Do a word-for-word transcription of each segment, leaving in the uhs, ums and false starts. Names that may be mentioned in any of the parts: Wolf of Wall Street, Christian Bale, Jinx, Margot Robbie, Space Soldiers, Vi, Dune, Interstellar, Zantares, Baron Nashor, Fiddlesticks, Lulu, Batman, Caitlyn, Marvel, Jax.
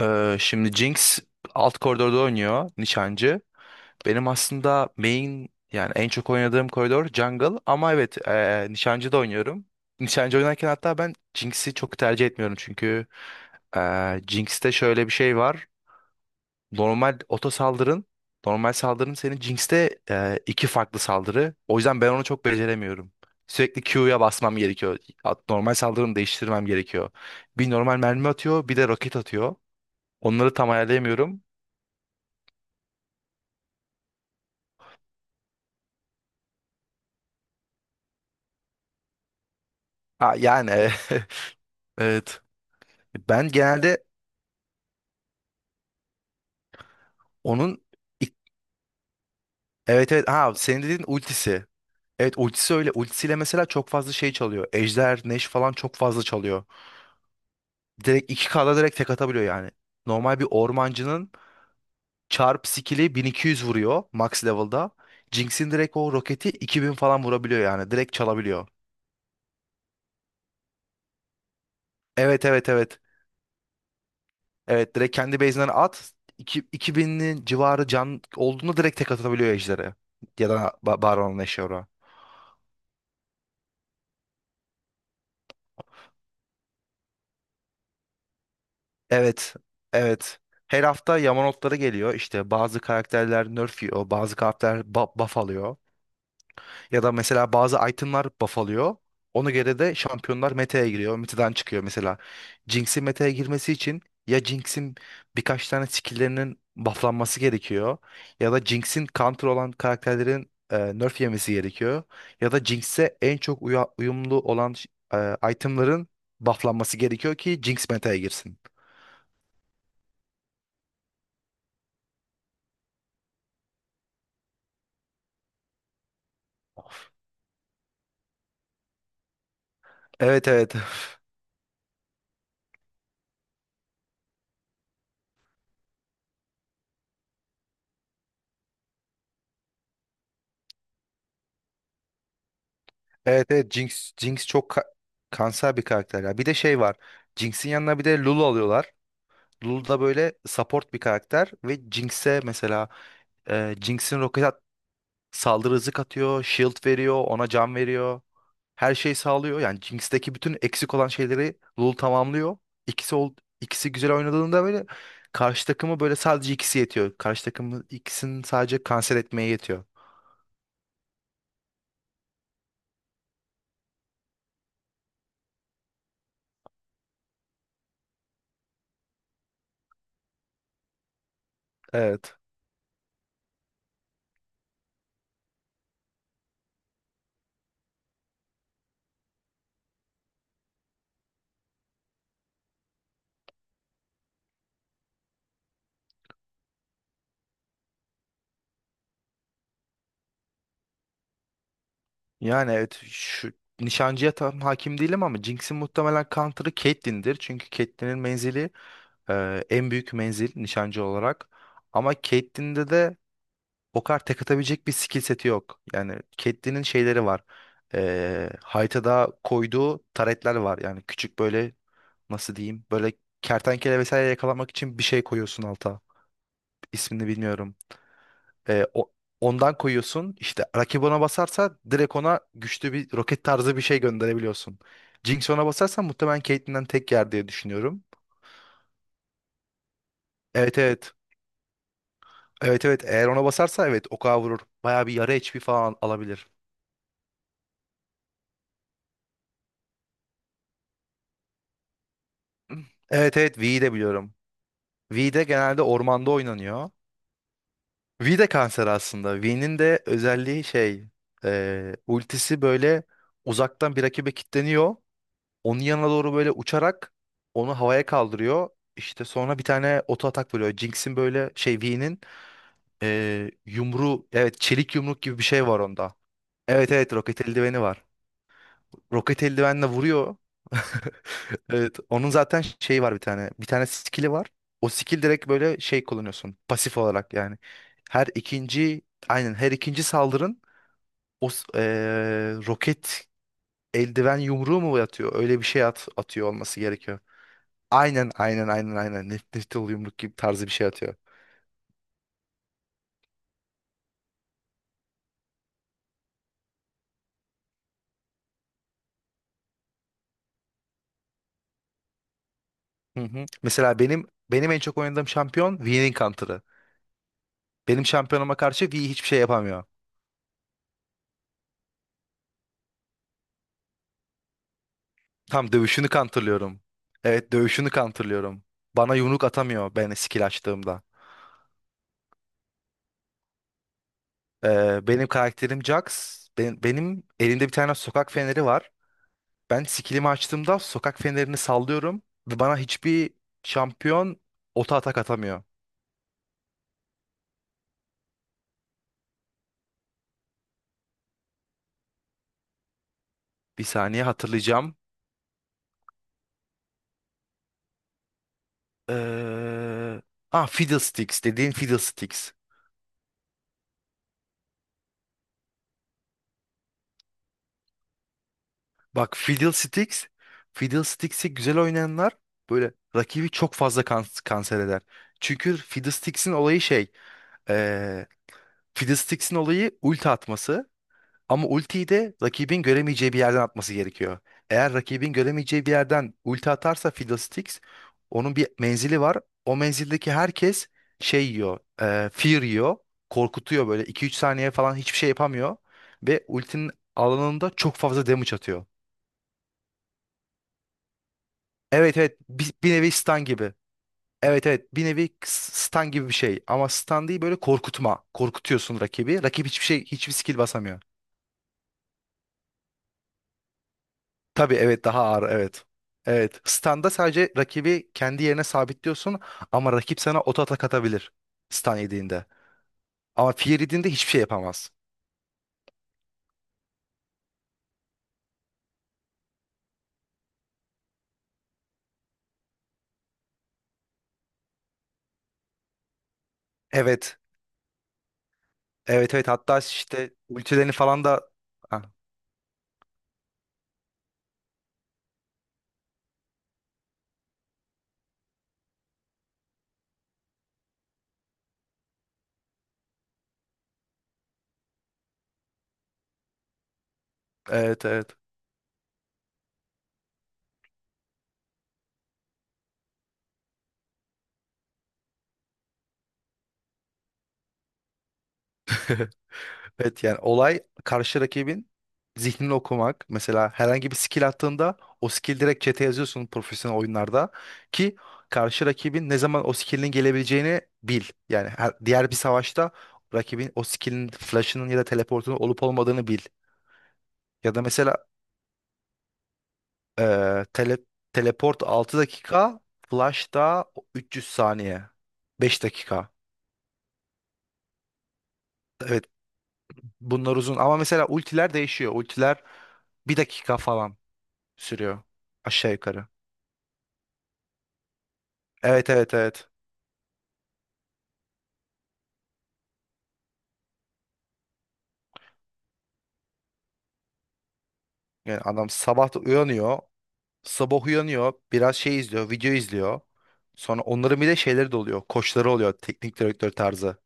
Ee, şimdi Jinx alt koridorda oynuyor nişancı. Benim aslında main yani en çok oynadığım koridor jungle ama evet ee, nişancı da oynuyorum. Nişancı oynarken hatta ben Jinx'i çok tercih etmiyorum çünkü ee, Jinx'te şöyle bir şey var. Normal oto saldırın, normal saldırın senin Jinx'te ee, iki farklı saldırı. O yüzden ben onu çok beceremiyorum. Sürekli Q'ya basmam gerekiyor. At- Normal saldırımı değiştirmem gerekiyor. Bir normal mermi atıyor, bir de roket atıyor. Onları tam ayarlayamıyorum. Ha, yani e, evet. Ben genelde onun ilk- evet, evet, ha, senin dediğin ultisi. Evet, ultisi öyle. Ultisiyle mesela çok fazla şey çalıyor. Ejder, Neş falan çok fazla çalıyor. Direkt iki kda direkt tek atabiliyor yani. Normal bir ormancının çarp skill'i bin iki yüz vuruyor max level'da. Jinx'in direkt o roketi iki bin falan vurabiliyor yani. Direkt çalabiliyor. Evet, evet, evet. Evet, direkt kendi base'inden at. İki- iki binin civarı can olduğunu direkt tek atabiliyor Ejder'e. Ya da Ba- Baron Nashor'a. Evet, evet. Her hafta Yamanotları geliyor. İşte bazı karakterler nerf yiyor, bazı karakterler ba- buff alıyor. Ya da mesela bazı itemlar buff alıyor. Ona göre de şampiyonlar meta'ya giriyor. Meta'dan çıkıyor mesela. Jinx'in meta'ya girmesi için ya Jinx'in birkaç tane skill'lerinin bufflanması gerekiyor. Ya da Jinx'in counter olan karakterlerin e, nerf yemesi gerekiyor. Ya da Jinx'e en çok uya- uyumlu olan e, itemların bufflanması gerekiyor ki Jinx meta'ya girsin. Evet, evet. Evet, evet, Jinx, Jinx çok ka- kanser bir karakter ya. Bir de şey var. Jinx'in yanına bir de Lulu alıyorlar. Lulu da böyle support bir karakter ve Jinx'e mesela e, Jinx'in roket at- saldırı hızı katıyor, shield veriyor, ona can veriyor. Her şeyi sağlıyor. Yani Jinx'teki bütün eksik olan şeyleri Lulu tamamlıyor. İkisi ol, ikisi güzel oynadığında böyle karşı takımı böyle sadece ikisi yetiyor. Karşı takımı ikisinin sadece kanser etmeye yetiyor. Evet. Yani evet, şu nişancıya tam hakim değilim ama Jinx'in muhtemelen counter'ı Caitlyn'dir. Çünkü Caitlyn'in menzili e, en büyük menzil nişancı olarak. Ama Caitlyn'de de o kadar tek atabilecek bir skill seti yok. Yani Caitlyn'in şeyleri var. E, haritada koyduğu taretler var. Yani küçük böyle nasıl diyeyim böyle kertenkele vesaire yakalamak için bir şey koyuyorsun alta. İsmini bilmiyorum. E, o- Ondan koyuyorsun. İşte rakip ona basarsa direkt ona güçlü bir roket tarzı bir şey gönderebiliyorsun. Jinx ona basarsa muhtemelen Caitlyn'den tek yer diye düşünüyorum. Evet, evet. Evet, evet. Eğer ona basarsa evet oka vurur. Bayağı bir yarı H P falan alabilir. Evet, evet, V'yi de biliyorum. V de genelde ormanda oynanıyor. V de kanser aslında. V'nin de özelliği şey, e, ultisi böyle uzaktan bir rakibe kilitleniyor. Onun yanına doğru böyle uçarak onu havaya kaldırıyor. İşte sonra bir tane oto atak vuruyor. Jinx'in böyle şey V'nin eee yumruğu, evet, çelik yumruk gibi bir şey var onda. Evet, evet, roket eldiveni var. Roket eldivenle vuruyor. Evet, onun zaten şeyi var bir tane. Bir tane skill'i var. O skill direkt böyle şey kullanıyorsun pasif olarak yani. Her ikinci aynen her ikinci saldırın o s- eee, roket eldiven yumruğu mu atıyor? Öyle bir şey at, atıyor olması gerekiyor. Aynen, aynen, aynen, aynen. Nef nefte yumruk gibi tarzı bir şey atıyor. Hı hı. Mesela benim benim en çok oynadığım şampiyon Vi'nin counter'ı. Benim şampiyonuma karşı Vi hiçbir şey yapamıyor. Tam dövüşünü counter'lıyorum. Evet, dövüşünü counter'lıyorum. Bana yumruk atamıyor ben skill açtığımda. Ee, benim karakterim Jax. Ben- benim elimde bir tane sokak feneri var. Ben skillimi açtığımda sokak fenerini sallıyorum ve bana hiçbir şampiyon ota atak atamıyor. Bir saniye hatırlayacağım. Ee, ah Fiddlesticks dediğin Fiddlesticks. Bak Fiddlesticks, Fiddlesticks'i güzel oynayanlar böyle rakibi çok fazla kan- kanser eder. Çünkü Fiddlesticks'in olayı şey, ee, Fiddlesticks'in olayı ulti atması. Ama ultiyi de rakibin göremeyeceği bir yerden atması gerekiyor. Eğer rakibin göremeyeceği bir yerden ulti atarsa Fiddlesticks onun bir menzili var. O menzildeki herkes şey yiyor, e, fear yiyor, korkutuyor böyle iki üç saniye falan hiçbir şey yapamıyor. Ve ultinin alanında çok fazla damage atıyor. Evet, evet, bir, bir nevi stun gibi. Evet, evet, bir nevi stun gibi bir şey. Ama stun değil, böyle korkutma. Korkutuyorsun rakibi. Rakip hiçbir şey, hiçbir skill basamıyor. Tabii, evet, daha ağır, evet. Evet. Standa sadece rakibi kendi yerine sabitliyorsun ama rakip sana oto atak atabilir. Stan yediğinde. Ama Fear yediğinde hiçbir şey yapamaz. Evet. Evet, evet, hatta işte ultilerini falan da Ha, evet, evet. Evet, yani olay karşı rakibin zihnini okumak. Mesela herhangi bir skill attığında o skill direkt chat'e yazıyorsun profesyonel oyunlarda ki karşı rakibin ne zaman o skill'in gelebileceğini bil. Yani her- diğer bir savaşta rakibin o skill'in flash'ının ya da teleportunun olup olmadığını bil. Ya da mesela eee, tele- teleport altı dakika, flash da üç yüz saniye. Beş dakika. Evet, bunlar uzun ama mesela ultiler değişiyor. Ultiler bir dakika falan sürüyor. Aşağı yukarı. Evet, evet, evet. Yani adam sabah da uyanıyor. Sabah uyanıyor. Biraz şey izliyor. Video izliyor. Sonra onların bir de şeyleri de oluyor. Koçları oluyor. Teknik direktör tarzı.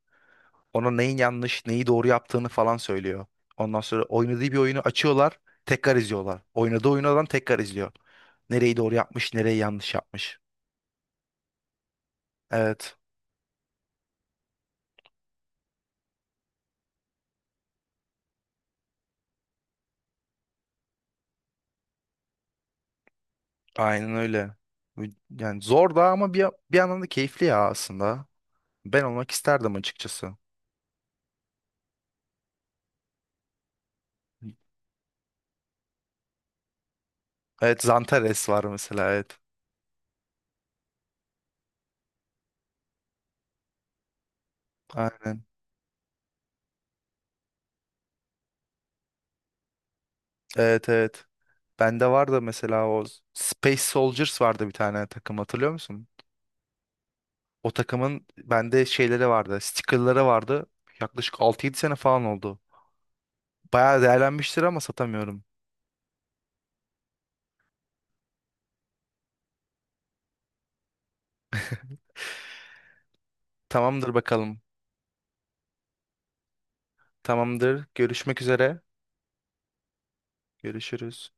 Ona neyin yanlış, neyi doğru yaptığını falan söylüyor. Ondan sonra oynadığı bir oyunu açıyorlar. Tekrar izliyorlar. Oynadığı oyunu adam tekrar izliyor. Nereyi doğru yapmış, nereyi yanlış yapmış. Evet. Aynen öyle. Yani zor da ama bir, bir yandan da keyifli ya aslında. Ben olmak isterdim açıkçası. Evet, Zantares var mesela, evet. Aynen. Evet, evet. Bende vardı mesela o Space Soldiers vardı bir tane takım, hatırlıyor musun? O takımın bende şeyleri vardı. Sticker'ları vardı. Yaklaşık altı yedi sene falan oldu. Bayağı değerlenmiştir ama satamıyorum. Tamamdır, bakalım. Tamamdır. Görüşmek üzere. Görüşürüz.